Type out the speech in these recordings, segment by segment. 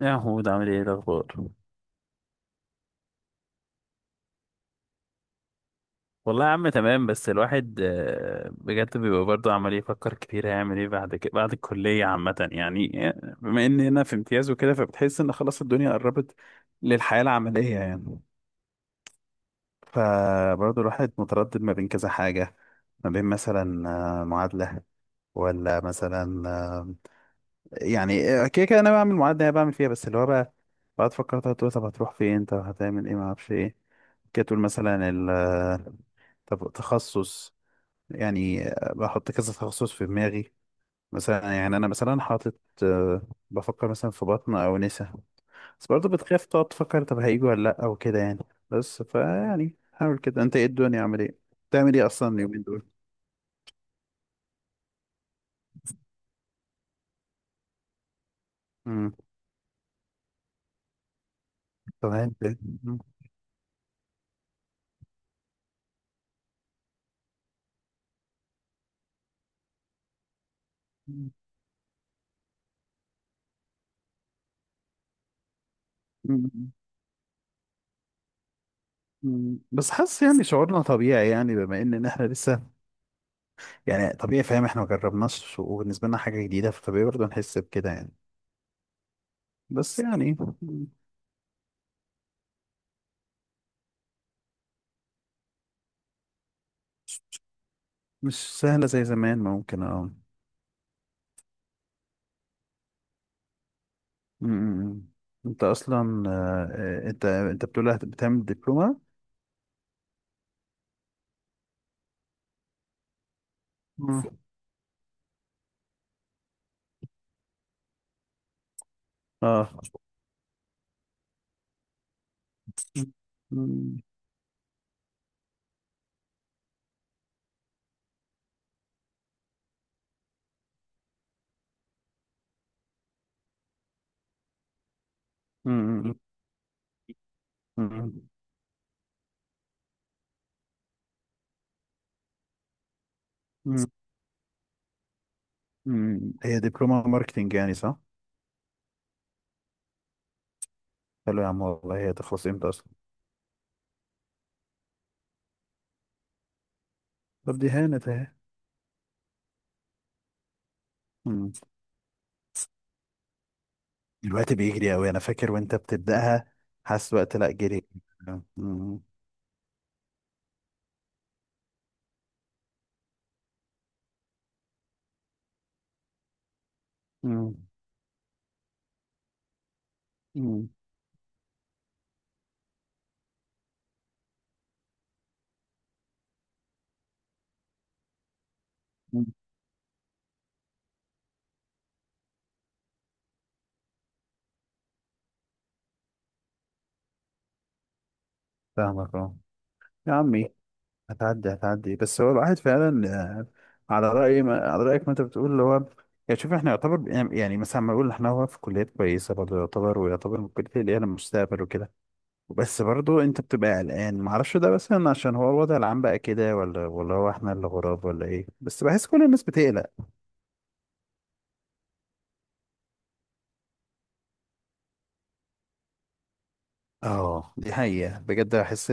يا محمود، عامل ايه؟ إيه الاخبار؟ والله يا عم تمام، بس الواحد بجد بيبقى برضه عمال يفكر كتير هيعمل ايه بعد كده، بعد الكليه عامه يعني، بما ان هنا في امتياز وكده فبتحس ان خلاص الدنيا قربت للحياه العمليه يعني. فبرضه الواحد متردد ما بين كذا حاجه، ما بين مثلا معادله ولا مثلا، كده كده انا بعمل معادله، انا بعمل فيها بس اللي هو بقى بقعد افكر طب هتروح فين؟ طب هتعمل ايه؟ ما اعرفش ايه. كده تقول مثلا طب تخصص يعني، بحط كذا تخصص في دماغي، مثلا يعني انا مثلا حاطط، بفكر مثلا في بطن او نسا. بس برضه بتخاف تقعد تفكر طب هيجوا ولا لا او كده يعني. بس فيعني حاول كده، انت ايه الدنيا عامل ايه؟ بتعمل ايه اصلا اليومين دول؟ امم. تمام ده. مم. مم. مم. بس حاسس يعني شعورنا طبيعي، يعني بما إن احنا لسه يعني طبيعي، فاهم؟ احنا ما جربناش وبالنسبه لنا حاجه جديده، فطبيعي برضه نحس بكده يعني. بس يعني مش سهلة زي زمان، ممكن، اه. م- م- م. انت اصلا، انت بتقول بتعمل دبلومة؟ مم. اه. م- م- م- م- م. هي دبلومة ماركتينج يعني، صح؟ حلو يا عم والله. هي تخلص امتى اصلا؟ طب دي هانت اهي. م. الوقت بيجري اوي، انا فاكر وانت بتبدأها، حاسس وقت لا جري. م- م- م- م. فاهمك، اه. يا عمي، هتعدي هتعدي. بس هو الواحد فعلا، آه، على رأيك، ما انت بتقول اللي هو يعني. شوف، احنا يعتبر يعني مثلا، ما اقول احنا، هو في كليات كويسة برضه يعتبر، ويعتبر من الكليات اللي هي المستقبل وكده. بس برضه انت بتبقى قلقان، ما اعرفش، ده مثلا عشان هو الوضع العام بقى كده، ولا هو احنا اللي غراب، ولا ايه؟ بس بحس كل الناس بتقلق. اه دي حقيقة، بجد بحس.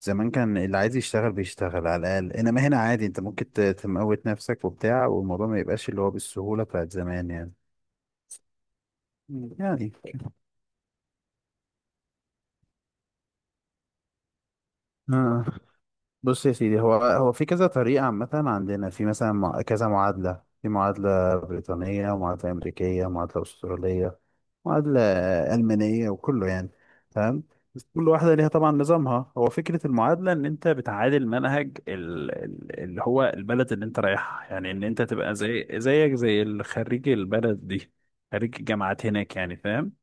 زمان كان اللي عايز يشتغل بيشتغل على الأقل، انما هنا عادي انت ممكن تموت نفسك وبتاع، والموضوع ما يبقاش اللي هو بالسهولة بتاعت زمان يعني. مم. يعني. آه. بص يا سيدي، هو في كذا طريقة عامة عندنا، في مثلا كذا معادلة، في معادلة بريطانية ومعادلة أمريكية ومعادلة أسترالية، معادلة ألمانية وكله يعني. تمام. بس كل واحدة ليها طبعا نظامها. هو فكرة المعادلة إن أنت بتعادل منهج، اللي هو البلد اللي أنت رايحها، يعني إن أنت تبقى زي، زيك زي الخريج، البلد دي خريج الجامعات هناك يعني، فاهم؟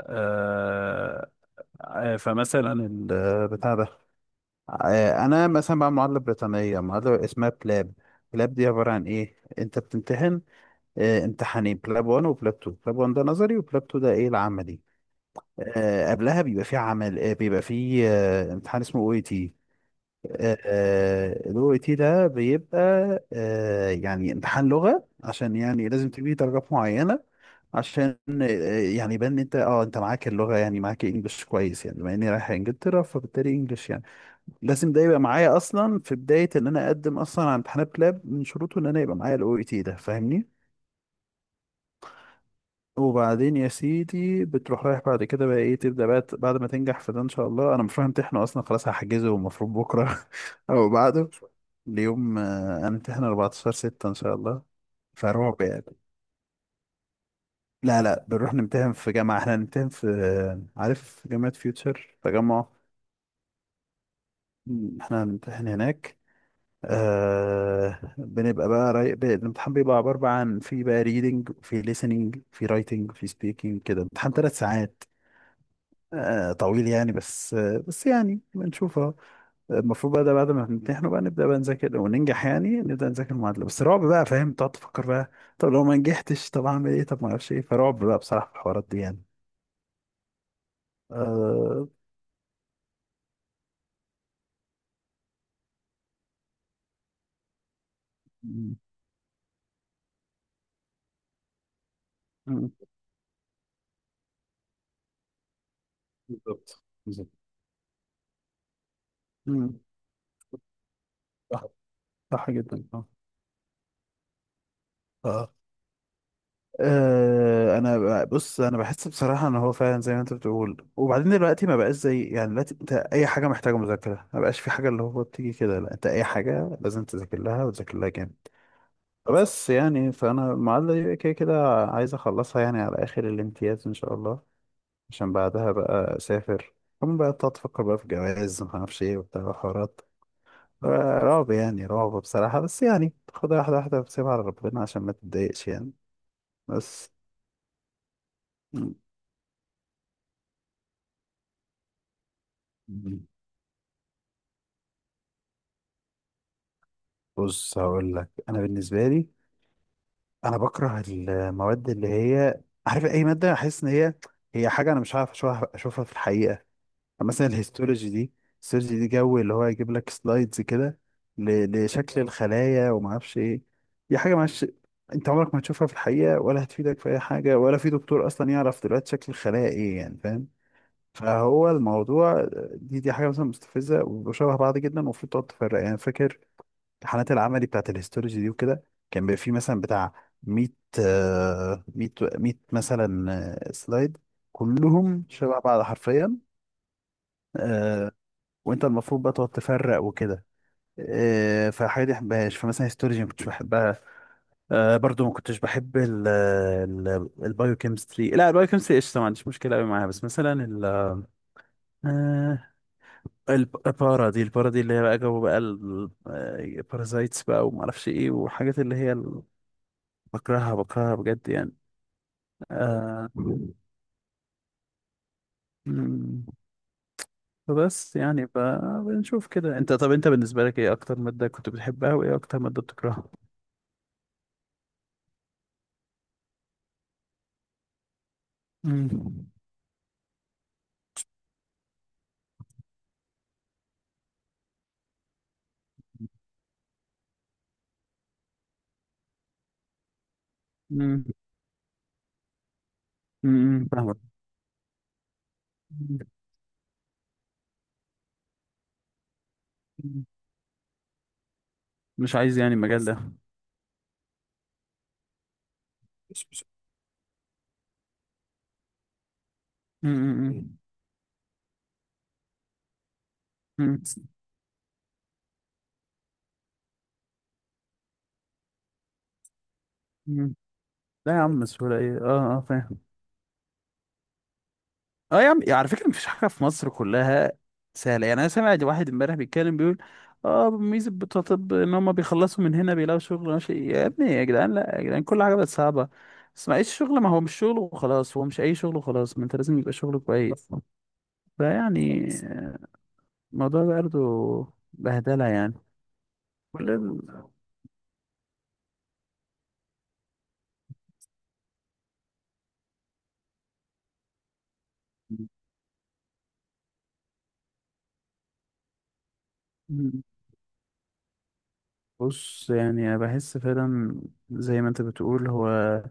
آه. فمثلا بتاع ده، انا مثلا بعمل معادله بريطانيه، معادله اسمها بلاب. بلاب دي عباره عن ايه؟ انت بتمتحن امتحانين، بلاب 1 وبلاب 2. بلاب 1 ده نظري وبلاب 2 ده ايه العملي. قبلها بيبقى في عمل، بيبقى في امتحان اسمه او اي تي. الاو اي تي ده بيبقى يعني امتحان لغه، عشان يعني لازم تجيب درجات معينه، عشان يعني يبان ان انت، اه انت معاك اللغه، يعني معاك انجلش كويس يعني. بما اني رايح انجلترا فبالتالي انجلش يعني لازم ده يبقى معايا اصلا في بدايه ان انا اقدم اصلا على امتحانات لاب، من شروطه ان انا يبقى معايا الاو اي تي ده، فاهمني؟ وبعدين يا سيدي بتروح، رايح بعد كده بقى ايه، تبدا بقى بعد ما تنجح في ده ان شاء الله. انا مش رايح امتحنه اصلا خلاص، هحجزه المفروض بكره او بعده ليوم. انا امتحن 14 6 ان شاء الله. فرعب يعني. لا لا، بنروح نمتحن في جامعة، احنا هنمتحن في، عارف جامعة فيوتشر تجمع؟ مم. احنا هنمتحن هناك. آه بنبقى بقى راي... ب- الامتحان بيبقى عبارة بقى عن، في بقى ريدنج، في listening، في رايتنج، في سبيكينج كده، امتحان ثلاث ساعات. آه طويل يعني، بس آه، بس يعني بنشوفها. المفروض بقى ده بعد ما نمتحنه بقى نبدأ بقى نذاكر وننجح يعني، نبدأ نذاكر المعادلة. بس رعب بقى، فاهم؟ تقعد تفكر بقى، طب لو ما نجحتش، طب اعمل ايه؟ طب ما اعرفش ايه. فرعب بقى بصراحة في الحوارات دي يعني. آه. مم. بالظبط بالظبط. مم. صح، صح جدا، اه. آه. انا بص، انا بحس بصراحه ان هو فعلا زي ما انت بتقول. وبعدين دلوقتي ما بقاش زي يعني، دلوقتي انت اي حاجه محتاجه مذاكره، ما بقاش في حاجه اللي هو بتيجي كده، لا انت اي حاجه لازم تذاكر لها وتذاكر لها جامد. بس يعني، فانا المعادله دي كده كده عايز اخلصها يعني، على اخر الامتياز ان شاء الله، عشان بعدها بقى اسافر. كمان بقى تقعد تفكر بقى في جواز، ما اعرفش ايه وبتاع حوارات. رعب يعني، رعب بصراحة. بس يعني خدها واحدة واحدة وسيبها على ربنا عشان ما تتضايقش يعني. بس. م- بص هقول لك، أنا بالنسبة لي أنا بكره المواد اللي هي، عارف، أي مادة أحس إن هي، هي حاجة أنا مش عارف أشوفها، أشوفها في الحقيقة يعني. مثلا الهيستولوجي دي، الهيستولوجي دي جو اللي هو يجيب لك سلايدز كده لشكل الخلايا وما أعرفش إيه. دي حاجة معلش، أنت عمرك ما تشوفها في الحقيقة، ولا هتفيدك في أي حاجة، ولا في دكتور أصلا يعرف دلوقتي شكل الخلايا إيه، يعني فاهم. فهو الموضوع، دي حاجه مثلا مستفزه، وشبه بعض جدا، المفروض تقعد تفرق يعني. فاكر امتحانات العملي بتاعت الهيستولوجي دي وكده، كان بيبقى فيه مثلا بتاع 100، 100 100 مثلا، سلايد، كلهم شبه بعض حرفيا. آه، وانت المفروض بقى تقعد تفرق وكده. فالحاجه دي مبحبهاش، فمثلا هيستولوجي ما كنتش بحبها. برضو ما كنتش بحب ال البايوكيمستري، لا البايوكيمستري قشطه، ما عنديش مشكله قوي معاها. بس مثلا ال، آه، البارا دي، البارا دي اللي هي بقى جو بقى البارازايتس بقى وما اعرفش ايه، وحاجات اللي هي بكرهها، بكرهها بجد يعني. آه. مم. فبس يعني بنشوف كده. انت، طب انت بالنسبة لك، ايه اكتر مادة كنت بتحبها وايه اكتر مادة بتكرهها؟ مم. مم. مم. فاهمك. مم. مم. مش عايز يعني المجال ده؟ مم. مم. مم. مم. لا يا عم، سهولة ايه؟ اه اه فاهم. اه يا عم، على فكره مفيش حاجه في مصر كلها سهله يعني. انا سمعت واحد امبارح بيتكلم بيقول اه ميزه بتوع طب ان هم بيخلصوا من هنا بيلاقوا شغل ماشي. يا ابني يا جدعان، لا يا جدعان، كل حاجه بقت صعبه. بس ما ايش شغل، ما هو مش شغل وخلاص، هو مش اي شغل وخلاص، ما انت لازم يبقى شغل كويس. فيعني الموضوع برضه بهدله يعني. كل ال- بص يعني، انا بحس فعلا زي ما انت بتقول، هو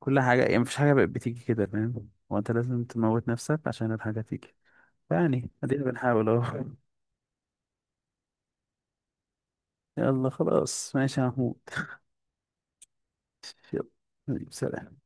كل حاجة يعني مفيش حاجة بقت بتيجي كده، فاهم؟ هو انت لازم تموت نفسك عشان الحاجة تيجي. يعني ادينا بنحاول اهو. يلا خلاص، ماشي يا محمود. يلا حبيبي، سلام.